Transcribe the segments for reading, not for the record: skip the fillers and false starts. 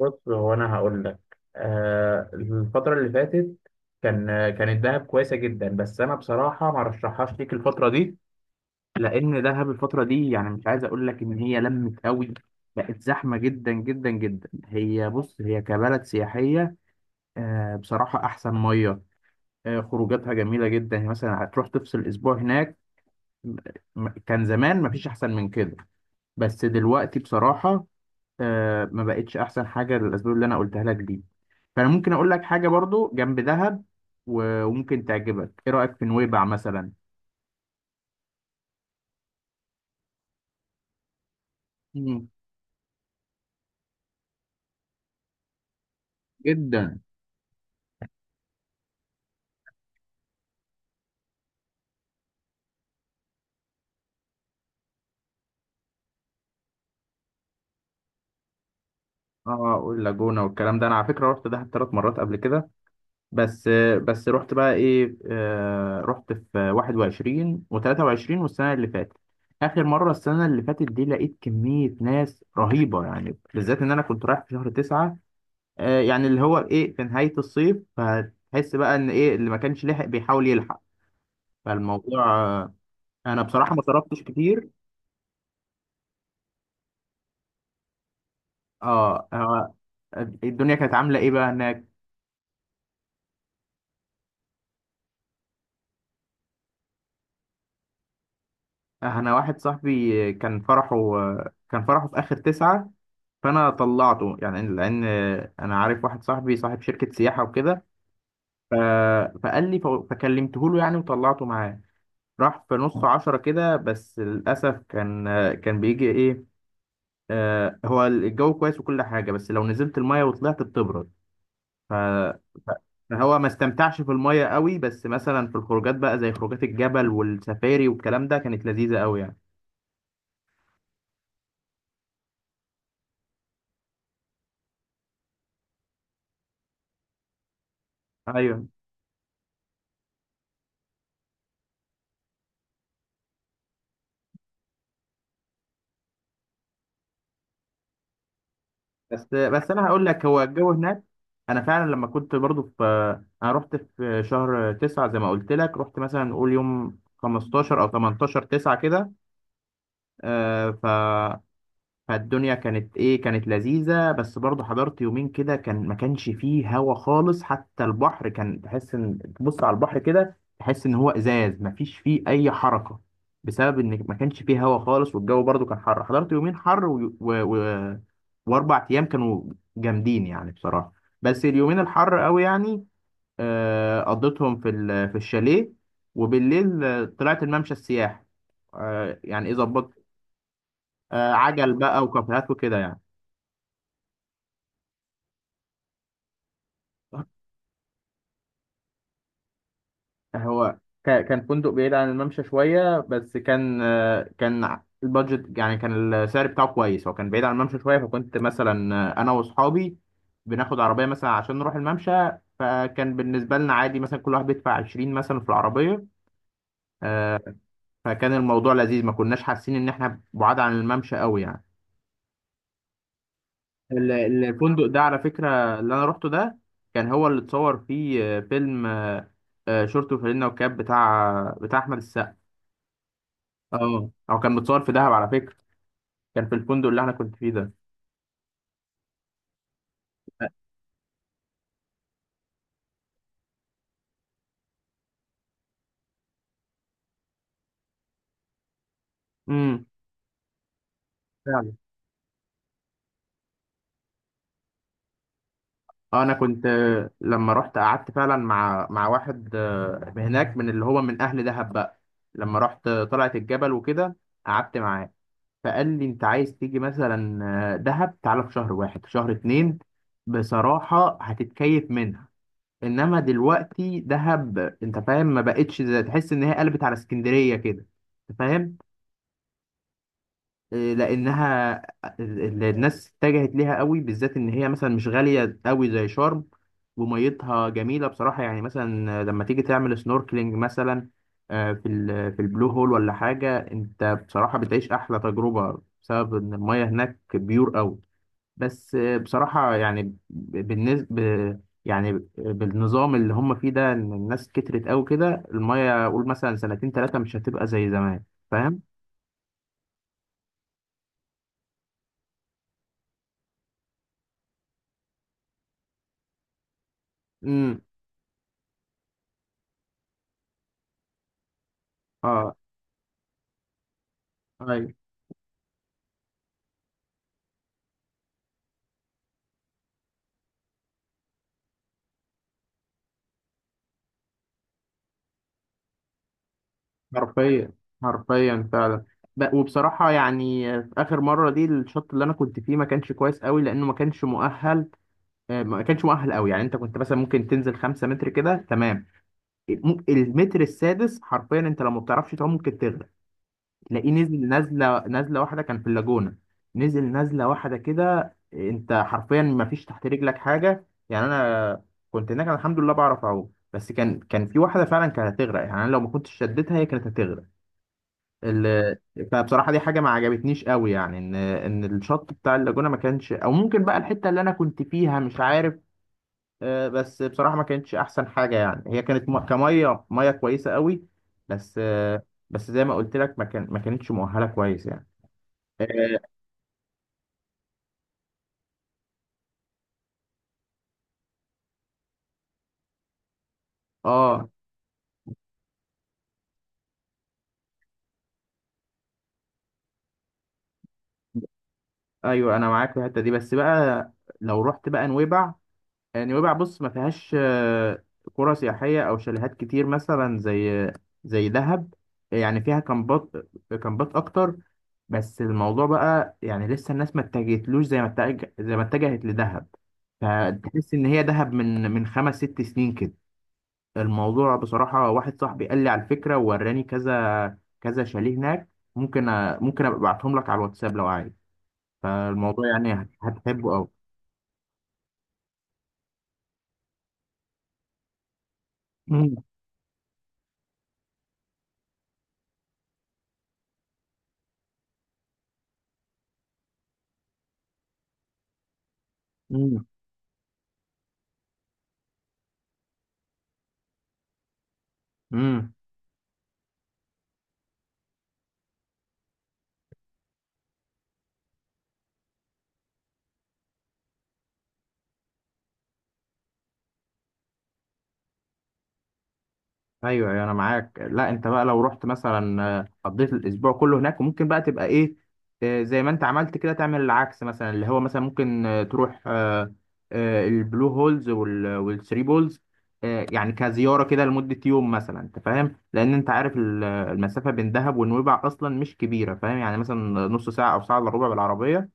بص، هو انا هقول لك الفتره اللي فاتت كان كانت دهب كويسه جدا. بس انا بصراحه ما رشحهاش ليك الفتره دي، لان دهب الفتره دي يعني مش عايز اقول لك ان هي لمت قوي، بقت زحمه جدا جدا جدا. هي بص، هي كبلد سياحيه بصراحه احسن ميه، خروجاتها جميله جدا، يعني مثلا هتروح تفصل اسبوع هناك. م- كان زمان ما فيش احسن من كده، بس دلوقتي بصراحه ما بقتش احسن حاجه للاسباب اللي انا قلتها لك دي. فانا ممكن اقول لك حاجه برضو جنب دهب وممكن تعجبك. ايه رايك في نويبع مثلا؟ مم. جدا. اه، واللاجونه والكلام ده. انا على فكره رحت دهب ثلاث مرات قبل كده، بس بس رحت بقى ايه، رحت في 21 و23 والسنه اللي فاتت. اخر مره السنه اللي فاتت دي لقيت كميه ناس رهيبه، يعني بالذات ان انا كنت رايح في شهر 9، يعني اللي هو ايه، في نهاية الصيف، فهتحس بقى ان ايه اللي ما كانش لحق بيحاول يلحق. فالموضوع انا بصراحة ما صرفتش كتير. اه، الدنيا كانت عاملة ايه بقى هناك؟ انا واحد صاحبي كان فرحه، كان فرحه في اخر تسعة، فانا طلعته يعني، لان انا عارف واحد صاحبي صاحب شركة سياحة وكده. ف- فقال لي، فكلمته له يعني وطلعته معاه. راح في نص عشرة كده، بس للأسف كان كان بيجي ايه، هو الجو كويس وكل حاجة، بس لو نزلت المية وطلعت بتبرد. ف- فهو ما استمتعش في المية قوي، بس مثلا في الخروجات بقى، زي خروجات الجبل والسفاري والكلام ده، كانت لذيذة قوي يعني. ايوه. بس انا هقول لك، هو الجو هناك، انا فعلا لما كنت برضو في، انا رحت في شهر تسعة زي ما قلت لك، رحت مثلا نقول يوم 15 او 18 تسعة كده، آه، فالدنيا كانت ايه، كانت لذيذة، بس برضه حضرت يومين كده كان ما كانش فيه هوا خالص. حتى البحر كان تحس ان تبص على البحر كده، تحس ان هو ازاز، ما فيش فيه اي حركة، بسبب ان ما كانش فيه هوا خالص. والجو برضه كان حر. حضرت يومين حر واربع ايام كانوا جامدين يعني بصراحة، بس اليومين الحر قوي يعني. قضيتهم في في الشاليه، وبالليل طلعت الممشى السياحي، يعني ايه ظبطت، عجل بقى وكافيهات وكده يعني. هو كان فندق بعيد عن الممشى شوية، بس كان كان البادجت يعني، كان السعر بتاعه كويس. هو كان بعيد عن الممشى شوية، فكنت مثلا أنا وأصحابي بناخد عربية مثلا عشان نروح الممشى. فكان بالنسبة لنا عادي، مثلا كل واحد بيدفع 20 مثلا في العربية، آه، فكان الموضوع لذيذ، ما كناش حاسين إن إحنا بعاد عن الممشى أوي يعني. ال- الفندق ده على فكرة اللي أنا روحته ده، كان هو اللي اتصور فيه فيلم شورت وفانلة وكاب، بتاع أحمد. اه، او كان متصور في دهب على فكرة. كان في الفندق اللي انا كنت فيه ده. امم. فعلا. اه، انا كنت لما رحت قعدت فعلا مع واحد هناك، من اللي هو من اهل دهب بقى. لما رحت طلعت الجبل وكده، قعدت معاه. فقال لي، انت عايز تيجي مثلا دهب؟ تعالى في شهر واحد، في شهر اتنين، بصراحة هتتكيف منها. انما دلوقتي دهب انت فاهم، ما بقتش زي- تحس ان هي قلبت على اسكندرية كده، انت فاهم؟ إيه، لانها الناس اتجهت ليها قوي، بالذات ان هي مثلا مش غاليه قوي زي شرم، وميتها جميله بصراحه، يعني مثلا لما تيجي تعمل سنوركلينج مثلا في في البلو هول ولا حاجه، انت بصراحه بتعيش احلى تجربه بسبب ان الميه هناك بيور قوي. بس بصراحه يعني بالنسبه، يعني بالنظام اللي هم فيه ده، ان الناس كترت قوي كده، الميه قول مثلا سنتين ثلاثه مش هتبقى زي زمان، فاهم؟ امم. اه. أيوة. حرفيا. حرفيا فعلا. وبصراحة يعني في آخر مرة دي، الشوط اللي أنا كنت فيه ما كانش كويس قوي لأنه ما كانش مؤهل، ما كانش مؤهل قوي. يعني أنت كنت مثلا ممكن تنزل خمسة متر كده تمام، المتر السادس حرفيا أنت لو ما بتعرفش تعوم ممكن تغرق. تلاقيه نزل نزلة، نزلة واحدة كان في اللاجونة، نزل نزلة واحدة كده أنت حرفيا ما فيش تحت رجلك حاجة يعني. أنا كنت هناك، أنا الحمد لله بعرف أعوم، بس كان في واحدة فعلا كانت هتغرق، يعني أنا لو ما كنتش شدتها هي كانت هتغرق. ال- فبصراحه دي حاجه ما عجبتنيش قوي، يعني ان الشط بتاع اللاجونه ما كانش، او ممكن بقى الحته اللي انا كنت فيها مش عارف، بس بصراحه ما كانتش احسن حاجه يعني. هي كانت كميه ميه كويسه قوي، بس بس زي ما قلت لك ما كان، ما كانتش مؤهله كويس يعني. اه، آه، ايوه انا معاك في الحته دي. بس بقى لو رحت بقى نويبع، نويبع بص ما فيهاش قرى سياحية أو شاليهات كتير مثلا زي زي دهب، يعني فيها كامبات، أكتر. بس الموضوع بقى يعني لسه الناس ما اتجهتلوش زي ما اتجه، زي ما اتجهت لدهب. فتحس إن هي دهب من خمس ست سنين كده. الموضوع بصراحة واحد صاحبي قال لي على الفكرة ووراني كذا كذا شاليه هناك. ممكن ممكن أبقى أبعتهم لك على الواتساب لو عايز. فالموضوع يعني هتحبه أوي. مم. مم. ايوه ايوه انا معاك. لا انت بقى لو رحت مثلا قضيت الاسبوع كله هناك، وممكن بقى تبقى ايه، زي ما انت عملت كده تعمل العكس مثلا. اللي هو مثلا ممكن تروح البلو هولز والثري بولز، يعني كزياره كده لمده يوم مثلا، انت فاهم، لان انت عارف المسافه بين دهب ونويبع اصلا مش كبيره، فاهم يعني، مثلا نص ساعه او ساعه الا ربع بالعربيه.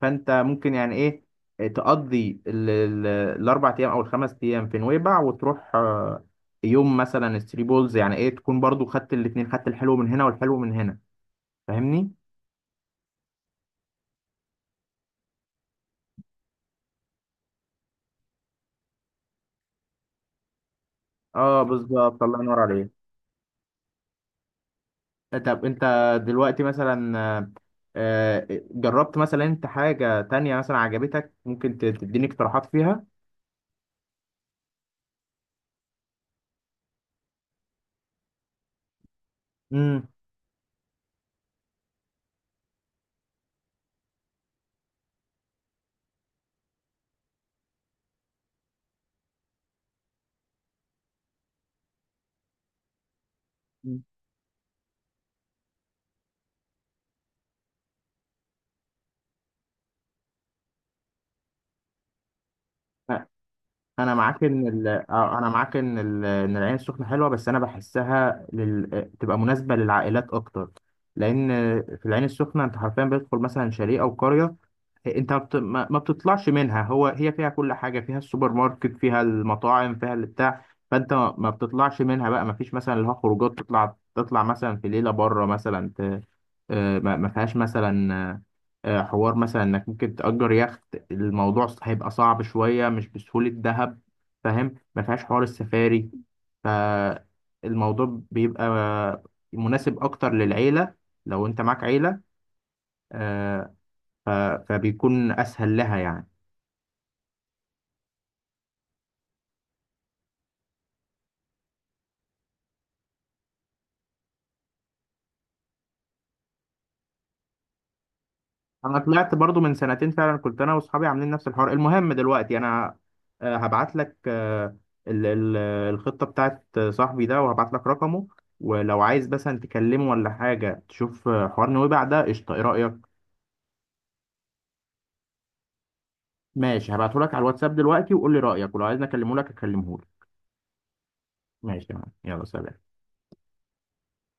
فانت ممكن يعني ايه، تقضي الاربع ايام او الخمس ايام في نويبع، وتروح يوم مثلا ثري بولز، يعني ايه تكون برضو خدت الاتنين، خدت الحلو من هنا والحلو من هنا، فاهمني؟ اه، بالظبط، الله ينور عليك. طب انت دلوقتي مثلا جربت مثلا انت حاجة تانية مثلا عجبتك؟ ممكن تديني اقتراحات فيها؟ امم. انا معاك ان انا معاك ان ان العين السخنه حلوه، بس انا بحسها تبقى مناسبه للعائلات اكتر. لان في العين السخنه انت حرفيا بتدخل مثلا شاليه او قريه، انت ما بت- ما- ما بتطلعش منها. هو هي فيها كل حاجه، فيها السوبر ماركت، فيها المطاعم، فيها البتاع. فانت ما بتطلعش منها بقى. ما فيش مثلا اللي هو خروجات، تطلع مثلا في ليله بره مثلا ما فيهاش مثلا حوار مثلا انك ممكن تأجر يخت. الموضوع هيبقى صعب شويه، مش بسهوله دهب، فاهم؟ ما فيهاش حوار السفاري. فالموضوع بيبقى مناسب اكتر للعيله، لو انت معاك عيله، آه، فبيكون اسهل لها يعني. انا طلعت برضو من سنتين، فعلا كنت انا واصحابي عاملين نفس الحوار. المهم دلوقتي انا هبعت لك ال- ال- الخطة بتاعت صاحبي ده، وهبعت لك رقمه، ولو عايز مثلا تكلمه ولا حاجة تشوف حوار نويبع ده قشطة، ايه رأيك؟ ماشي، هبعته لك على الواتساب دلوقتي، وقول لي رأيك، ولو عايز اكلمه لك اكلمه لك. ماشي تمام، يلا سلام.